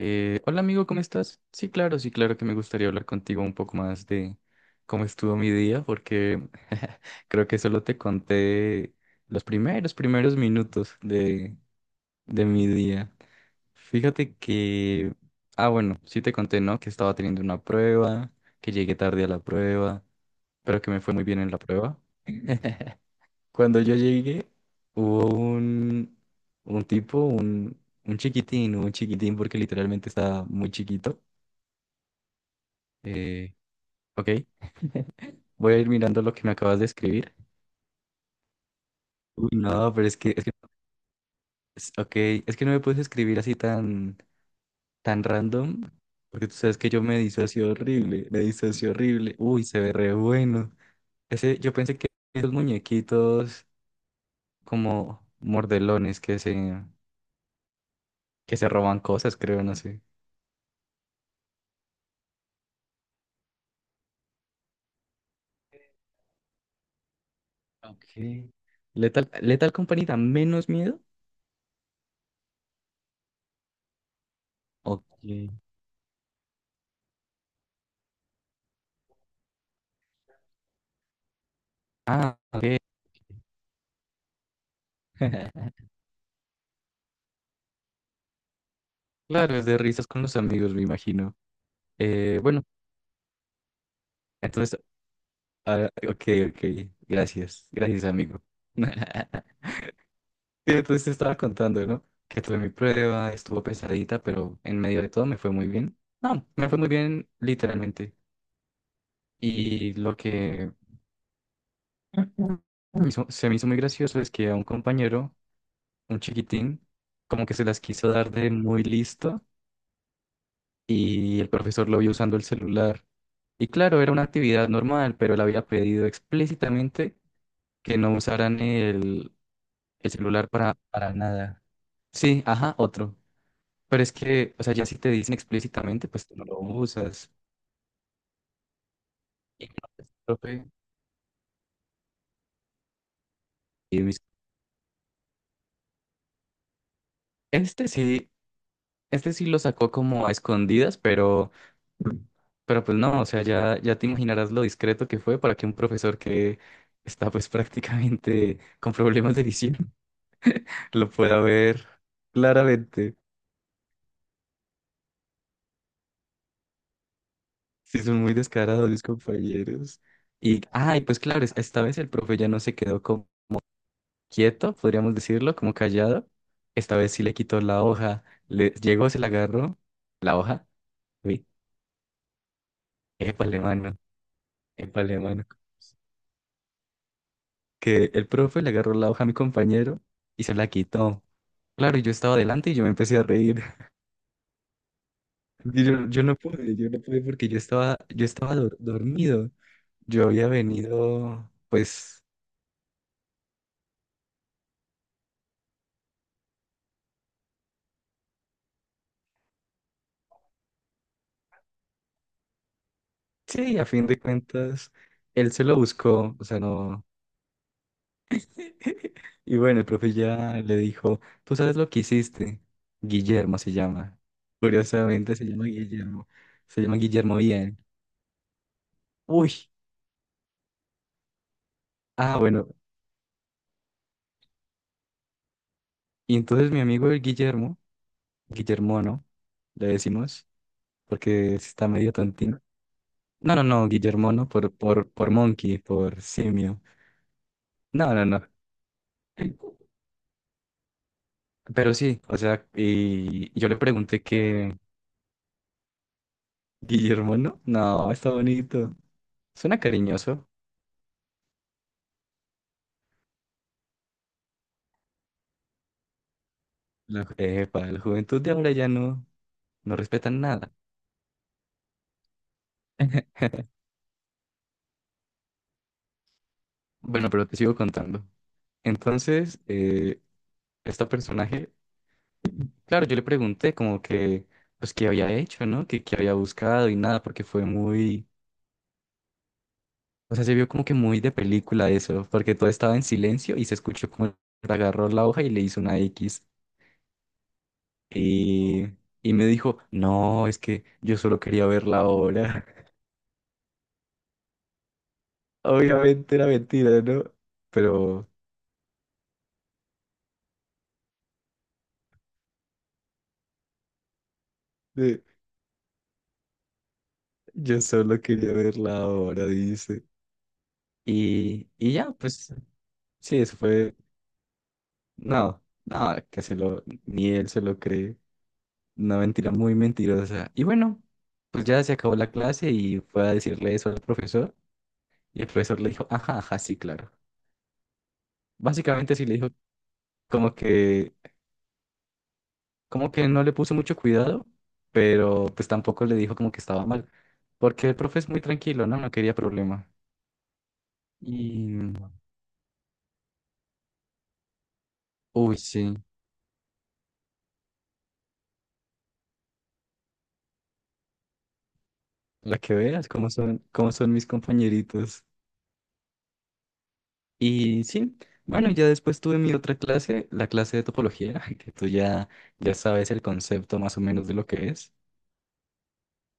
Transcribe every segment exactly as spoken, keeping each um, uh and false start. Eh, hola amigo, ¿cómo estás? Sí, claro, sí, claro que me gustaría hablar contigo un poco más de cómo estuvo mi día, porque creo que solo te conté los primeros, primeros minutos de, de mi día. Fíjate que, ah, bueno, sí te conté, ¿no? Que estaba teniendo una prueba, que llegué tarde a la prueba, pero que me fue muy bien en la prueba. Cuando yo llegué, hubo un, un tipo, un, un chiquitín, un chiquitín, porque literalmente estaba muy chiquito. Eh, ok, voy a ir mirando lo que me acabas de escribir. Uy, no, pero es que, es que, es- ok, es que no me puedes escribir así tan, tan random, porque tú sabes que yo me disocio horrible, me disocio horrible. Uy, se ve re bueno. Ese, yo pensé que esos muñequitos como mordelones que se, que se roban cosas, creo, no sé. Ok. Lethal, Lethal Company da menos miedo. Ok. Ah, ok. Claro, es de risas con los amigos, me imagino. Eh, bueno, entonces, ah, ok, ok. Gracias, gracias, amigo. Sí, entonces te estaba contando, ¿no? Que tuve mi prueba, estuvo pesadita, pero en medio de todo me fue muy bien. No, me fue muy bien literalmente. Y lo que me hizo- se me hizo muy gracioso es que a un compañero, un chiquitín, como que se las quiso dar de muy listo y el profesor lo vio usando el celular. Y claro, era una actividad normal, pero él había pedido explícitamente que no usaran el, el celular para, para nada. Sí, ajá, otro. Pero es que, o sea, ya si te dicen explícitamente, pues tú no lo usas. Y no, pues, profe, y mis- este sí, este sí lo sacó como a escondidas, pero, pero pues no, o sea, ya, ya te imaginarás lo discreto que fue para que un profesor que está pues prácticamente con problemas de visión lo pueda ver claramente. Si son muy descarados mis compañeros. Y, ay, pues claro, es- esta vez el profe ya no se quedó como quieto, podríamos decirlo, como callado. Esta vez sí le quitó la hoja. Le llegó, se la agarró, la hoja. Uy, épale, mano, épale, mano. Que el profe le agarró la hoja a mi compañero y se la quitó. Claro, y yo estaba adelante y yo me empecé a reír. Yo, yo no pude, yo no pude porque yo estaba, yo estaba dor- dormido. Yo había venido, pues, sí, a fin de cuentas, él se lo buscó, o sea, no. Y bueno, el profe ya le dijo, tú sabes lo que hiciste. Guillermo se llama. Curiosamente se llama Guillermo. Se llama Guillermo bien. Uy, ah, bueno. Y entonces mi amigo el Guillermo, Guillermo, ¿no? Le decimos, porque sí está medio tontín. No, no, no, Guillermo, no, por, por, por monkey, por simio. No, no, no. Pero sí, o sea, y yo le pregunté que Guillermo, no, no, está bonito. Suena cariñoso. La, eh, para la juventud de ahora ya no, no respetan nada. Bueno, pero te sigo contando. Entonces, eh, este personaje, claro, yo le pregunté como que, pues, qué había hecho, ¿no? Que qué había buscado y nada, porque fue muy. O sea, se vio como que muy de película eso, porque todo estaba en silencio y se escuchó como él agarró la hoja y le hizo una X. Y, y me dijo, no, es que yo solo quería ver la obra. Obviamente era mentira, ¿no? Pero eh, yo solo quería ver la obra, dice. Y, y ya, pues sí, eso fue, no, no, que se lo, ni él se lo cree. Una mentira muy mentirosa. Y bueno, pues ya se acabó la clase y fue a decirle eso al profesor. Y el profesor le dijo, ajá, ajá, sí, claro. Básicamente sí le dijo como que, como que no le puso mucho cuidado, pero pues tampoco le dijo como que estaba mal, porque el profe es muy tranquilo, ¿no? No quería problema. Y, uy, sí, la que veas, cómo son, cómo son mis compañeritos. Y sí, bueno, ya después tuve mi otra clase, la clase de topología, que tú ya, ya sabes el concepto más o menos de lo que es.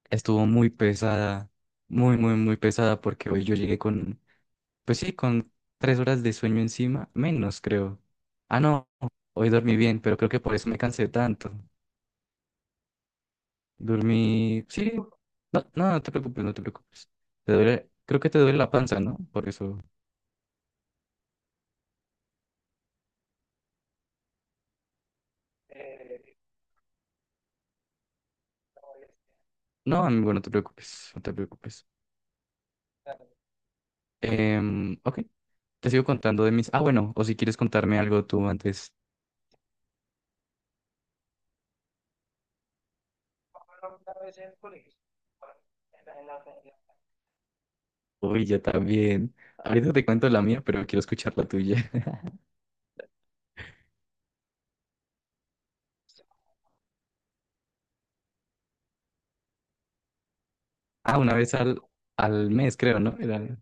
Estuvo muy pesada, muy, muy, muy pesada, porque hoy yo llegué con. Pues sí, con tres horas de sueño encima, menos creo. Ah, no, hoy dormí bien, pero creo que por eso me cansé tanto. Dormí, sí, no, no, no te preocupes, no te preocupes. Te duele, creo que te duele la panza, ¿no? Por eso. No, amigo, no te preocupes, no te preocupes. Em, ok, te sigo contando de mis... Ah, bueno, o si quieres contarme algo tú antes. Uy, yo también. Ahorita te cuento la mía, pero quiero escuchar la tuya. Ah, una vez al, al mes, creo, ¿no? Era...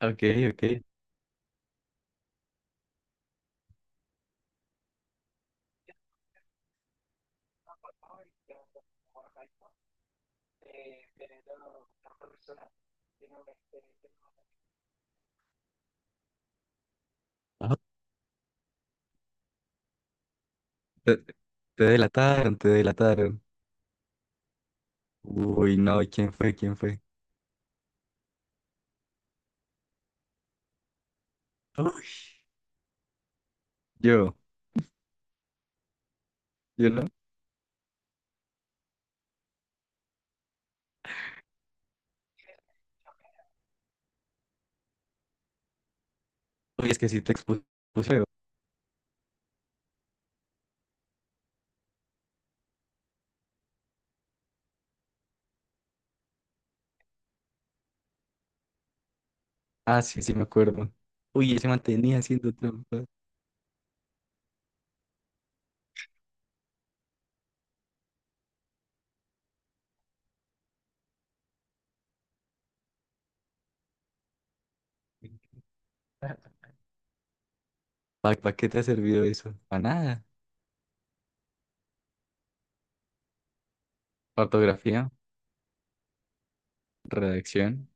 Ok, ok. Te, te delataron, te delataron. Uy, no, ¿quién fue? ¿Quién fue? Uy, yo, yo no. Uy, es que sí te expuse feo. Ah, sí, sí, me acuerdo. Uy, se mantenía haciendo trampa. ¿Para qué te ha servido eso? Para nada. Ortografía, redacción.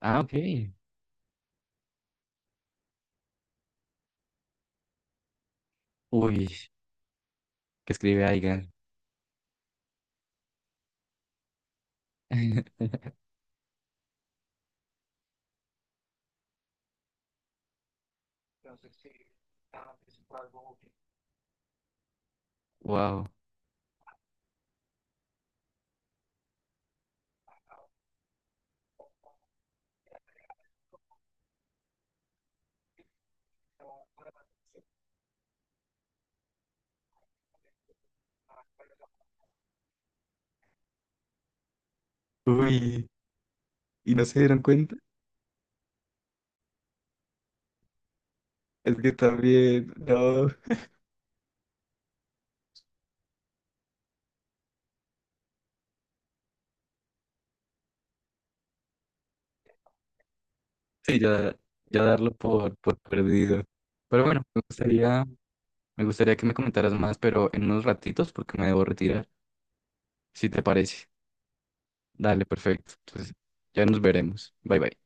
Ah, ok. Uy, que escribe Aigan. Wow. Uy, ¿y no se dieron cuenta? Es que también, no. Sí, ya, ya darlo por, por perdido. Pero bueno, me gustaría. Me gustaría que me comentaras más, pero en unos ratitos porque me debo retirar. Si te parece. Dale, perfecto. Entonces, ya nos veremos. Bye bye.